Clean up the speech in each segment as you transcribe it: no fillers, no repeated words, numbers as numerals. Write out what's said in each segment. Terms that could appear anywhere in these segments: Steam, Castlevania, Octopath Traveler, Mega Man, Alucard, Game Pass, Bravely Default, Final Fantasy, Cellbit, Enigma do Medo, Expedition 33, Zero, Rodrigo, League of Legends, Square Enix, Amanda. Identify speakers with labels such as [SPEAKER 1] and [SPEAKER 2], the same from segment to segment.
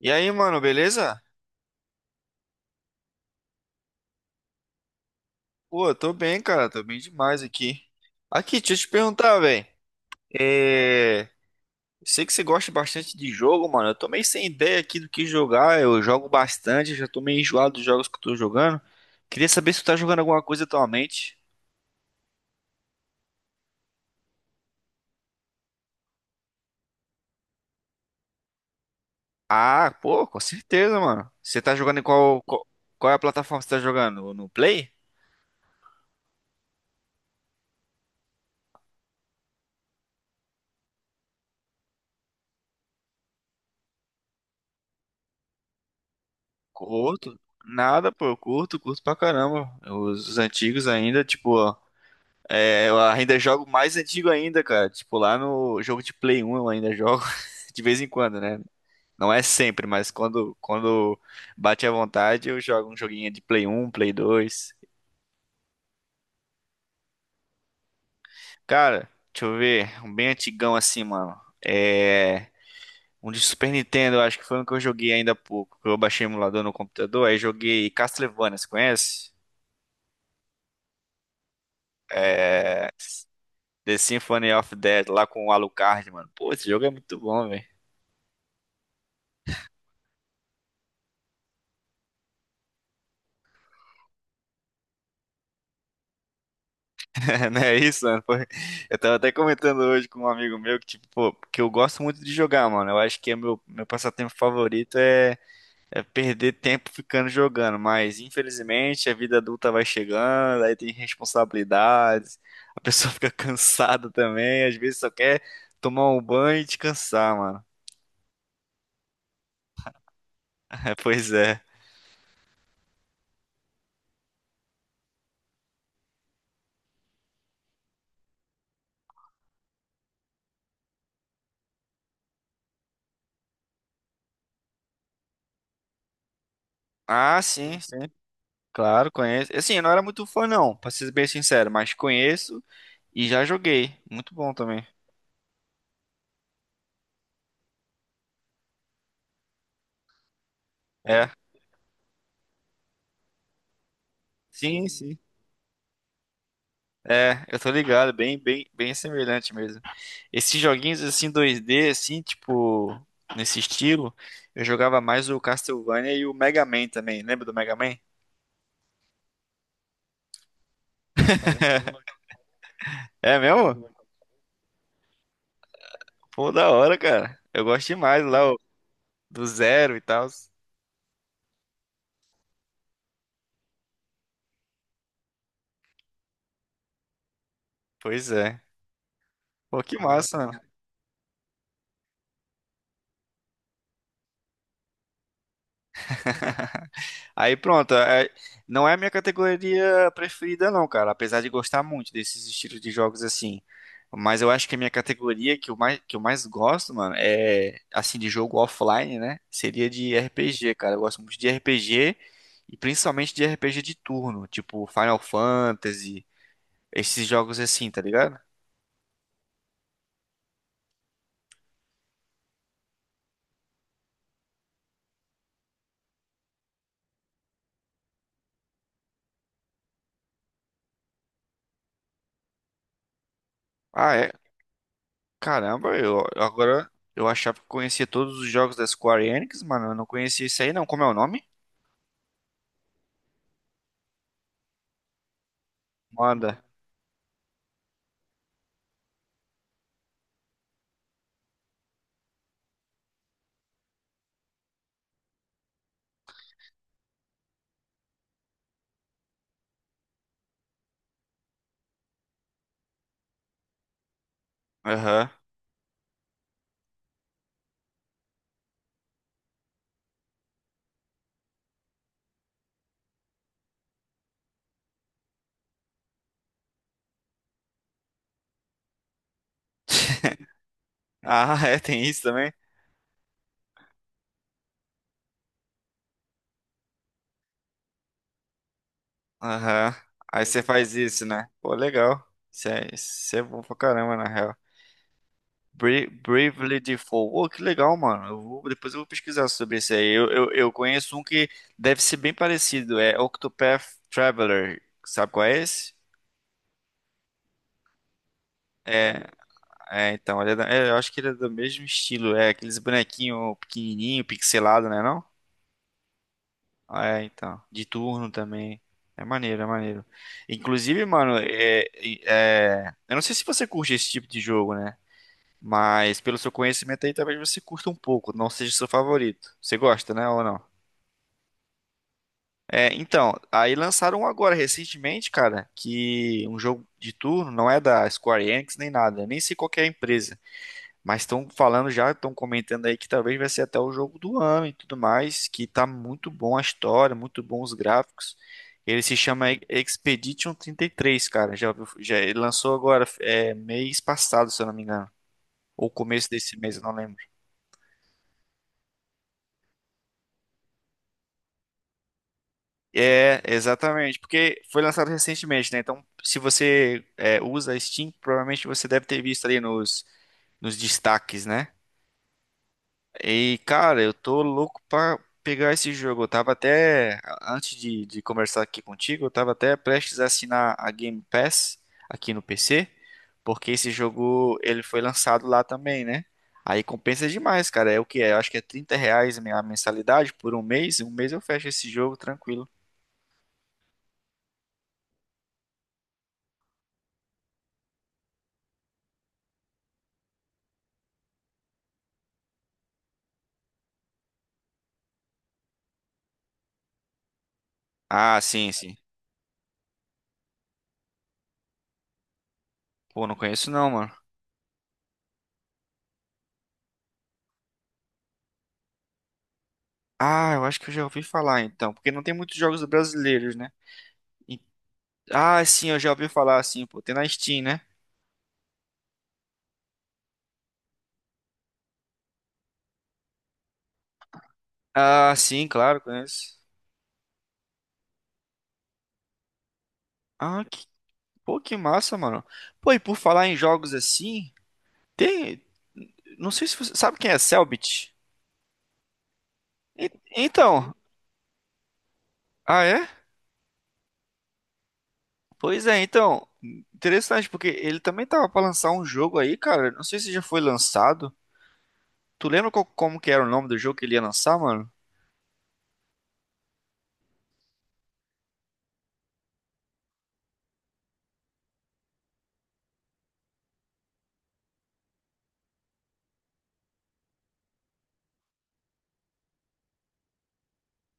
[SPEAKER 1] E aí, mano, beleza? Pô, eu tô bem, cara, tô bem demais aqui. Aqui, deixa eu te perguntar, velho. É... eu Sei que você gosta bastante de jogo, mano. Eu tô meio sem ideia aqui do que jogar. Eu jogo bastante, já tô meio enjoado dos jogos que eu tô jogando. Queria saber se tu tá jogando alguma coisa atualmente. Ah, pô, com certeza, mano. Você tá jogando em qual é a plataforma que você tá jogando? No Play? Curto? Nada, pô, eu curto pra caramba. Os antigos ainda, tipo. É, eu ainda jogo mais antigo ainda, cara. Tipo, lá no jogo de Play 1 eu ainda jogo de vez em quando, né? Não é sempre, mas quando bate à vontade, eu jogo um joguinho de Play 1, Play dois. Cara, deixa eu ver, um bem antigão assim, mano. É. Um de Super Nintendo, eu acho que foi um que eu joguei ainda há pouco. Eu baixei o emulador no computador, aí joguei Castlevania, você conhece? É. The Symphony of Death, lá com o Alucard, mano. Pô, esse jogo é muito bom, velho. É, não é isso, mano? Eu tava até comentando hoje com um amigo meu que, tipo, pô, que eu gosto muito de jogar, mano. Eu acho que é meu passatempo favorito é perder tempo ficando jogando, mas infelizmente a vida adulta vai chegando, aí tem responsabilidades, a pessoa fica cansada também, às vezes só quer tomar um banho e descansar, mano. Pois é. Ah, sim, sim. Claro, conheço. Assim, eu não era muito fã, não, pra ser bem sincero, mas conheço e já joguei. Muito bom também. É. Sim, sim. É, eu tô ligado, bem semelhante mesmo. Esses joguinhos assim 2D, assim, tipo, nesse estilo, eu jogava mais o Castlevania e o Mega Man também. Lembra do Mega Man? É mesmo? Pô, da hora, cara. Eu gosto demais lá, ó, do Zero e tal. Pois é. Pô, que massa. Aí pronto, é- não é a minha categoria preferida não, cara, apesar de gostar muito desses estilos de jogos assim. Mas eu acho que a minha categoria que eu mais gosto, mano, é assim de jogo offline, né? Seria de RPG, cara. Eu gosto muito de RPG e principalmente de RPG de turno, tipo Final Fantasy, esses jogos assim, tá ligado? Ah, é. Caramba, eu agora eu achava que conhecia todos os jogos da Square Enix, mano, eu não conhecia isso aí não. Como é o nome? Manda. Aham. Ah, é, tem isso também? Aham. Aí você faz isso, né? Pô, legal. Isso é bom pra caramba, na real. Bra- Bravely Default. Pô, que legal, mano. Depois eu vou pesquisar sobre isso aí. Eu conheço um que deve ser bem parecido. É Octopath Traveler. Sabe qual é esse? É, então, Ele é da- é, eu acho que ele é do mesmo estilo. É aqueles bonequinhos pequenininho, pixelado, né? não? Ah, é, então. De turno também. É maneiro. Inclusive, mano, eu não sei se você curte esse tipo de jogo, né? Mas pelo seu conhecimento aí, talvez você curta um pouco, não seja seu favorito. Você gosta, né, ou não? É, então, aí lançaram um agora recentemente, cara, que um jogo de turno não é da Square Enix nem nada, nem sei qual que é a empresa. Mas estão falando já, estão comentando aí que talvez vai ser até o jogo do ano e tudo mais, que tá muito bom a história, muito bom os gráficos. Ele se chama Expedition 33, cara. Já, ouviu- já ele lançou agora, é, mês passado, se eu não me engano. Ou começo desse mês, eu não lembro. É, exatamente, porque foi lançado recentemente, né? Então, se você usa a Steam, provavelmente você deve ter visto ali nos destaques, né? E, cara, eu tô louco pra pegar esse jogo. Eu tava até, antes de conversar aqui contigo, eu tava até prestes a assinar a Game Pass aqui no PC, porque esse jogo, ele foi lançado lá também, né? Aí compensa demais, cara. É o que é? Eu acho que é R$ 30 a minha mensalidade por um mês. Um mês eu fecho esse jogo tranquilo. Ah, sim, sim. Pô, não conheço não, mano. Ah, eu acho que eu já ouvi falar então, porque não tem muitos jogos brasileiros, né? E- Ah, sim, eu já ouvi falar assim, pô, tem na Steam, né? Ah, sim, claro, conheço. Ah, que, pô, que massa, mano. Pô, e por falar em jogos assim, tem. Não sei se você sabe quem é Cellbit. E- então, ah, é? Pois é, então. Interessante, porque ele também tava pra lançar um jogo aí, cara. Não sei se já foi lançado. Tu lembra como que era o nome do jogo que ele ia lançar, mano?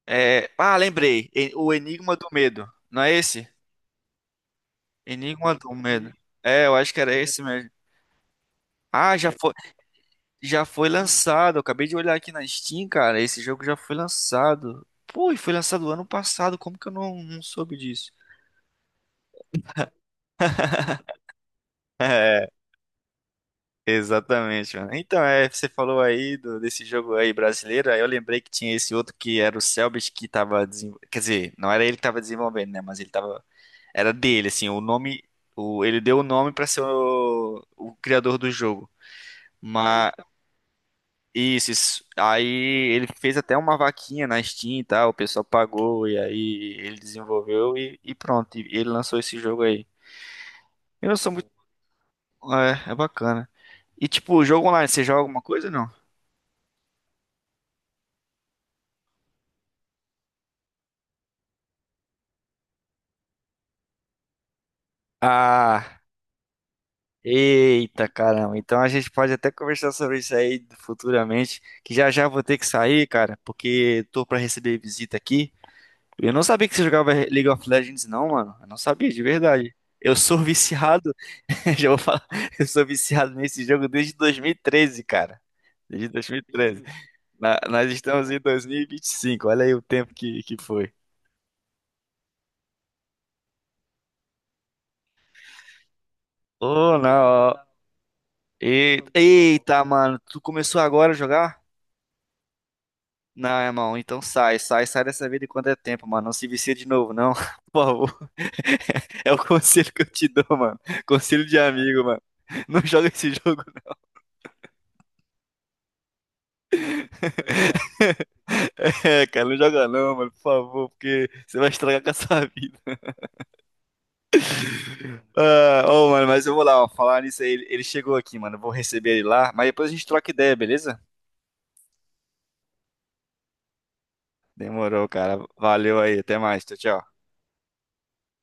[SPEAKER 1] Ah, lembrei. O Enigma do Medo. Não é esse? Enigma do Medo. É, eu acho que era esse mesmo. Ah, já foi. Já foi lançado, eu acabei de olhar aqui na Steam, cara. Esse jogo já foi lançado. Pô, e foi lançado ano passado, como que eu não soube disso? É, exatamente, mano. Então, é, você falou desse jogo aí brasileiro, aí eu lembrei que tinha esse outro que era o Cellbit que tava desenvolvendo. Quer dizer, não era ele que tava desenvolvendo, né? Mas ele tava. Era dele, assim, o nome. O, ele deu o nome pra ser o criador do jogo. Mas isso. Aí ele fez até uma vaquinha na Steam e tal, o pessoal pagou e aí ele desenvolveu e pronto, e ele lançou esse jogo aí. Eu não sou muito. É, é bacana. E tipo, o jogo online, você joga alguma coisa ou não? Ah, eita caramba. Então a gente pode até conversar sobre isso aí futuramente, que já já vou ter que sair, cara, porque tô pra receber visita aqui. Eu não sabia que você jogava League of Legends, não, mano. Eu não sabia, de verdade. Eu sou viciado. Já vou falar, eu sou viciado nesse jogo desde 2013, cara. Desde 2013. Nós estamos em 2025, olha aí o tempo que foi. Oh, não. Ó. Eita, mano, tu começou agora a jogar? Não, irmão, então sai dessa vida enquanto é tempo, mano. Não se vicia de novo, não. Por favor. É o conselho que eu te dou, mano. Conselho de amigo, mano. Não joga esse jogo. É, cara, não joga não, mano, por favor, porque você vai estragar com a sua vida. Ah, ô, mano, mas eu vou lá, ó, falar nisso aí. Ele chegou aqui, mano. Eu vou receber ele lá, mas depois a gente troca ideia, beleza? Demorou, cara. Valeu aí, até mais. Tchau, tchau.